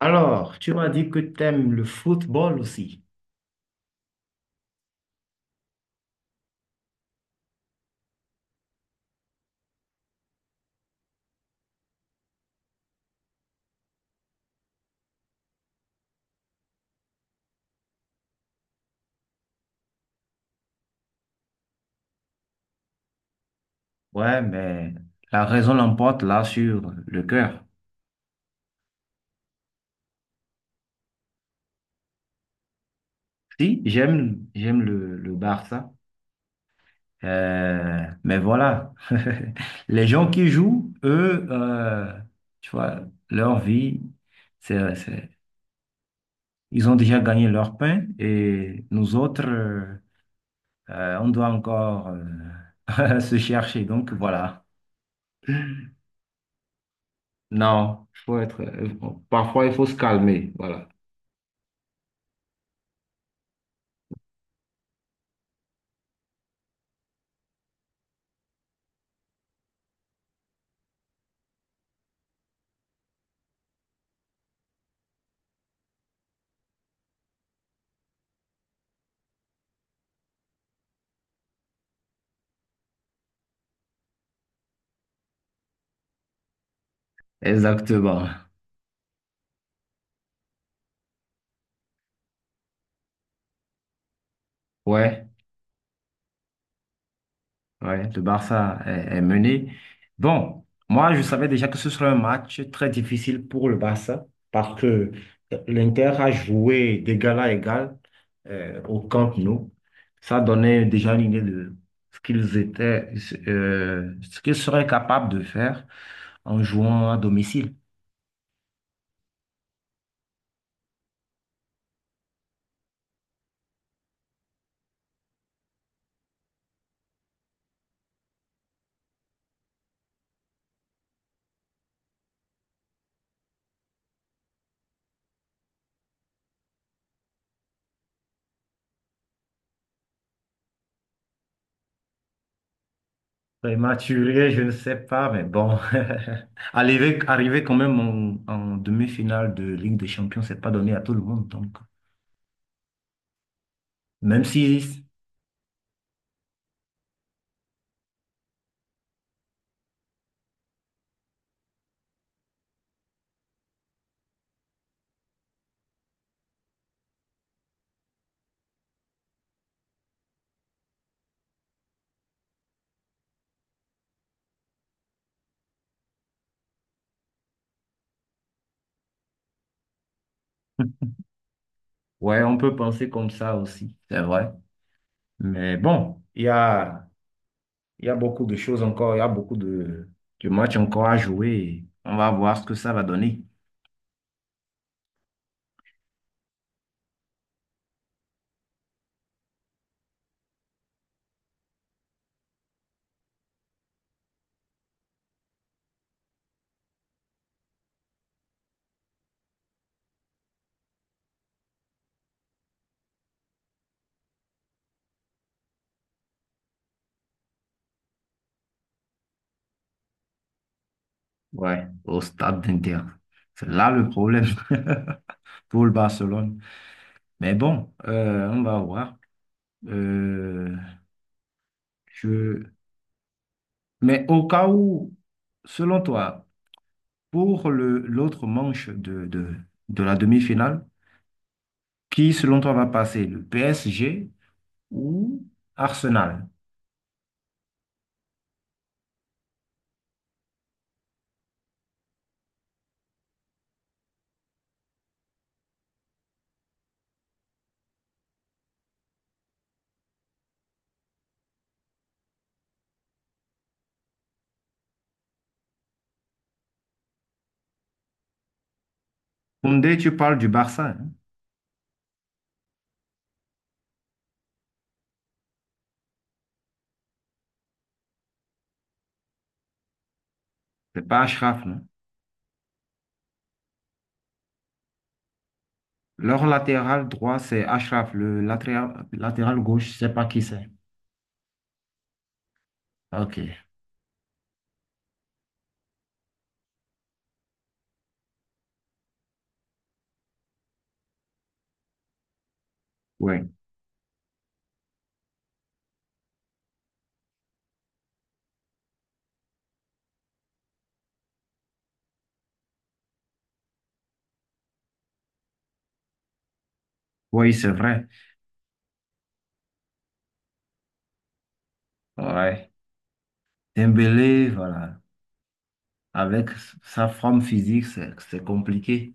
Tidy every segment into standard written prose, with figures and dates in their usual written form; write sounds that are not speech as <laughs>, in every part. Alors, tu m'as dit que tu aimes le football aussi. Ouais, mais la raison l'emporte là sur le cœur. Si, j'aime, j'aime le Barça. Mais voilà, <laughs> les gens qui jouent, eux, tu vois, leur vie, c'est, c'est- ils ont déjà gagné leur pain et nous autres, on doit encore <laughs> se chercher. Donc voilà. Non, faut être, parfois il faut se calmer. Voilà. Exactement. Ouais, ouais, le Barça est mené. Bon, moi, je savais déjà que ce serait un match très difficile pour le Barça parce que l'Inter a joué d'égal à égal au Camp Nou. Ça donnait déjà une idée de ce qu'ils étaient, ce qu'ils seraient capables de faire en jouant à domicile. Prématuré, je ne sais pas, mais bon. <laughs> Arriver quand même en demi-finale de Ligue des Champions, c'est pas donné à tout le monde. Donc, même si, ouais, on peut penser comme ça aussi, c'est vrai. Mais bon, il y a beaucoup de choses encore, il y a beaucoup de matchs encore à jouer. Et on va voir ce que ça va donner. Ouais, au stade d'Inter. C'est là le problème <laughs> pour le Barcelone. Mais bon, on va voir. Euh, je, Mais au cas où, selon toi, pour l'autre manche de la demi-finale, qui selon toi va passer, le PSG ou Arsenal? Koundé, tu parles du Barça, hein? C'est pas Achraf, non? Leur latéral droit, c'est Achraf. Le latéral gauche, je sais pas qui c'est. Ok, oui. Oui, c'est vrai. Ouais. Dembélé, voilà. Avec sa forme physique, c'est compliqué.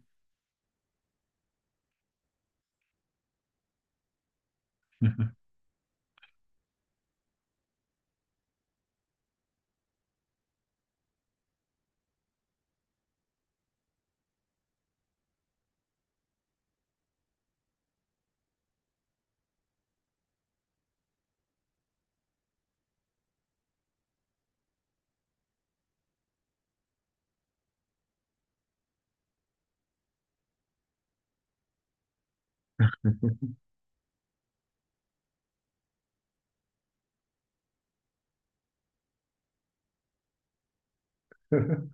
<laughs>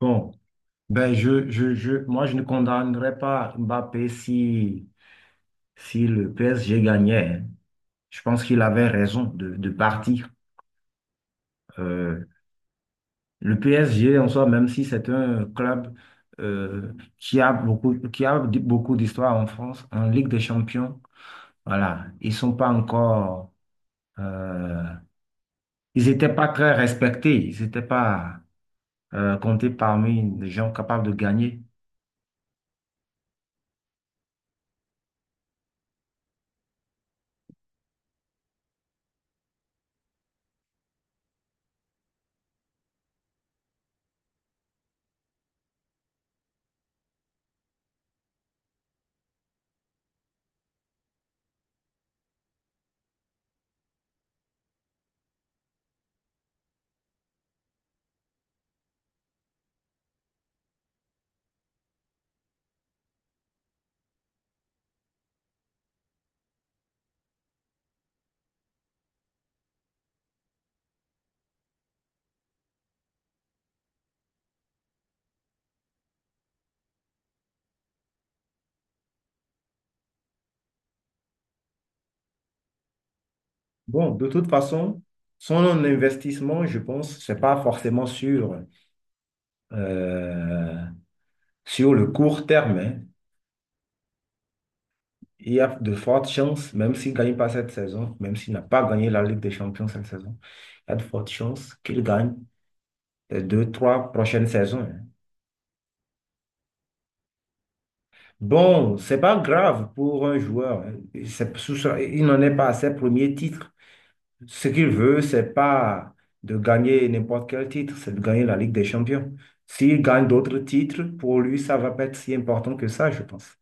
Bon. Ben, moi, je ne condamnerais pas Mbappé si, si le PSG gagnait, hein. Je pense qu'il avait raison de partir. Euh, le PSG, en soi, même si c'est un club qui a beaucoup, beaucoup d'histoire en France, en Ligue des Champions, voilà, ils sont pas encore, euh, ils n'étaient pas très respectés, ils n'étaient pas comptés parmi les gens capables de gagner. Bon, de toute façon, son investissement, je pense, c'est pas forcément sur, euh, sur le court terme, hein. Il y a de fortes chances, même s'il ne gagne pas cette saison, même s'il n'a pas gagné la Ligue des Champions cette saison, il y a de fortes chances qu'il gagne les deux, trois prochaines saisons, hein. Bon, c'est pas grave pour un joueur, hein. Il n'en est pas à ses premiers titres. Ce qu'il veut, c'est pas de gagner n'importe quel titre, c'est de gagner la Ligue des Champions. S'il gagne d'autres titres, pour lui, ça va pas être si important que ça, je pense.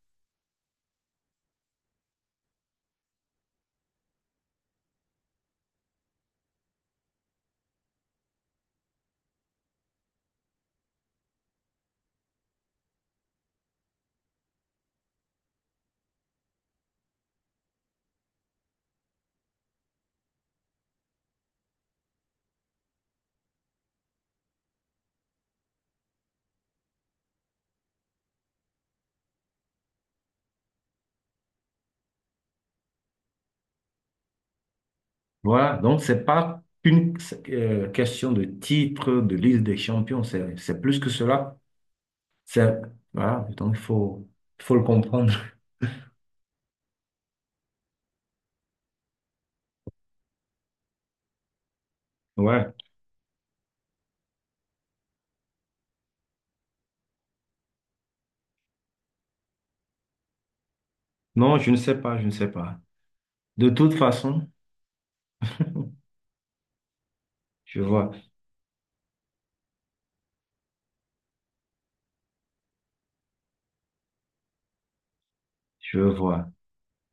Voilà, donc c'est pas qu'une question de titre, de liste des champions, c'est plus que cela. C'est, voilà, donc il faut le comprendre. <laughs> Ouais. Non, je ne sais pas, je ne sais pas. De toute façon, je vois, je vois.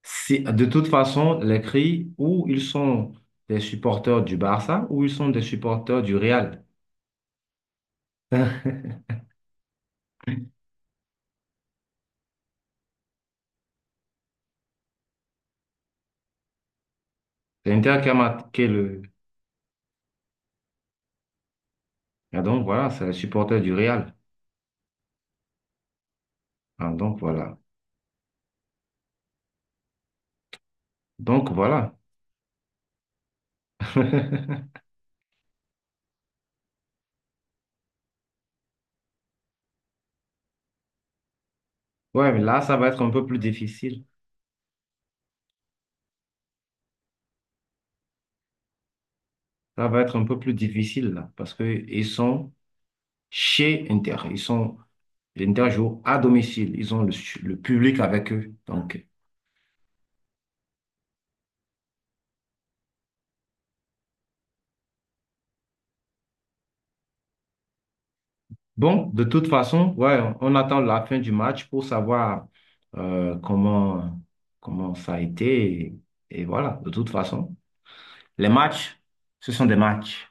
Si, de toute façon, les cris, ou ils sont des supporters du Barça, ou ils sont des supporters du Real. <laughs> C'est Inter qui a marqué le... Ah, donc voilà, c'est les supporters du Real. Ah, donc voilà. Donc voilà. <laughs> Ouais, mais là, ça va être un peu plus difficile. Ça va être un peu plus difficile, là, parce que ils sont chez Inter. Ils sont... L'Inter joue à domicile. Ils ont le public avec eux. Donc, bon, de toute façon, ouais, on attend la fin du match pour savoir euh, comment, comment ça a été. Et voilà, de toute façon, les matchs, ce sont des matchs.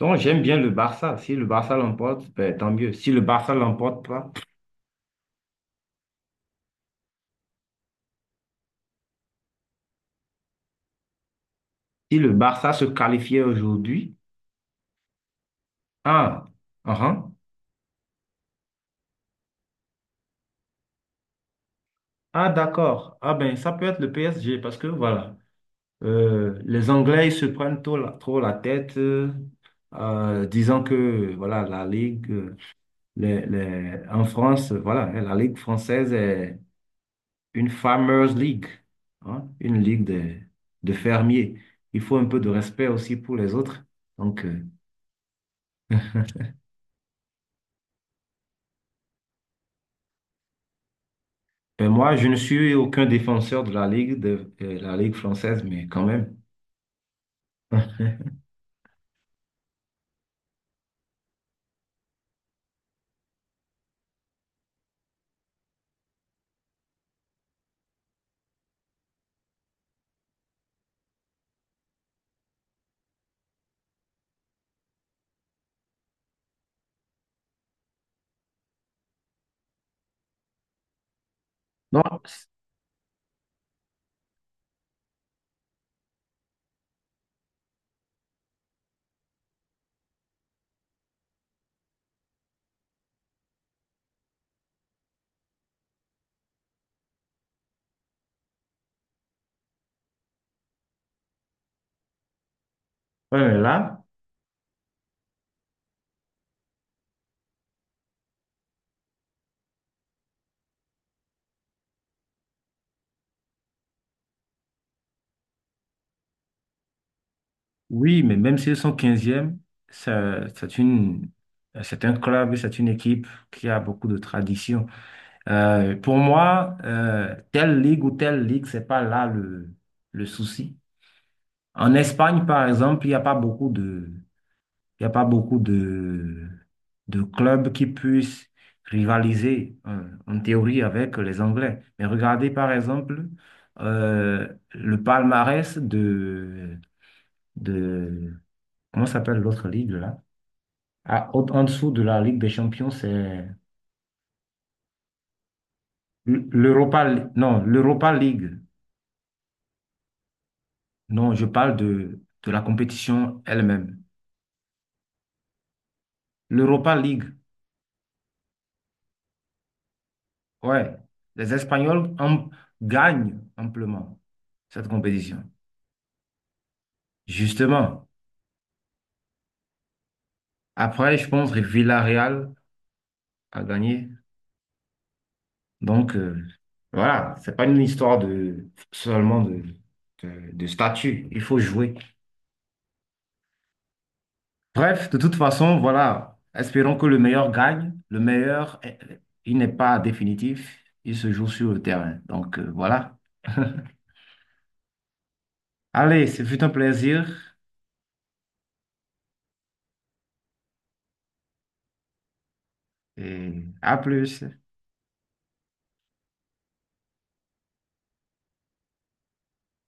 Donc, j'aime bien le Barça. Si le Barça l'emporte, ben, tant mieux. Si le Barça l'emporte pas, si le Barça se qualifiait aujourd'hui, ah, ah, ah, ah, d'accord. Ah ben, ça peut être le PSG parce que voilà, les Anglais ils se prennent trop la tête, disant que voilà la Ligue. En France, voilà, la Ligue française est une Farmers League, hein, une ligue de fermiers. Il faut un peu de respect aussi pour les autres. Donc, ben moi, je ne suis aucun défenseur de, la Ligue française, mais quand même. <laughs> Non, c'est- ouais, mais là, Oui, mais même s'ils sont 15, c'est une, c'est un club, c'est une équipe qui a beaucoup de tradition. Pour moi, telle ligue ou telle ligue, c'est pas là le souci. En Espagne, par exemple, il y a pas beaucoup de clubs qui puissent rivaliser hein, en théorie avec les Anglais. Mais regardez, par exemple, le palmarès de, comment s'appelle l'autre ligue là? Ah, en dessous de la Ligue des Champions, c'est l'Europa, non, l'Europa League. Non, je parle de la compétition elle-même. L'Europa League, ouais. Les Espagnols am- Gagnent amplement cette compétition. Justement. Après, je pense que Villarreal a gagné. Donc, voilà, c'est pas une histoire de seulement de statut. Il faut jouer. Bref, de toute façon, voilà. Espérons que le meilleur gagne. Le meilleur, eh, il n'est pas définitif. Il se joue sur le terrain. Donc, voilà. <laughs> Allez, ce fut un plaisir et à plus.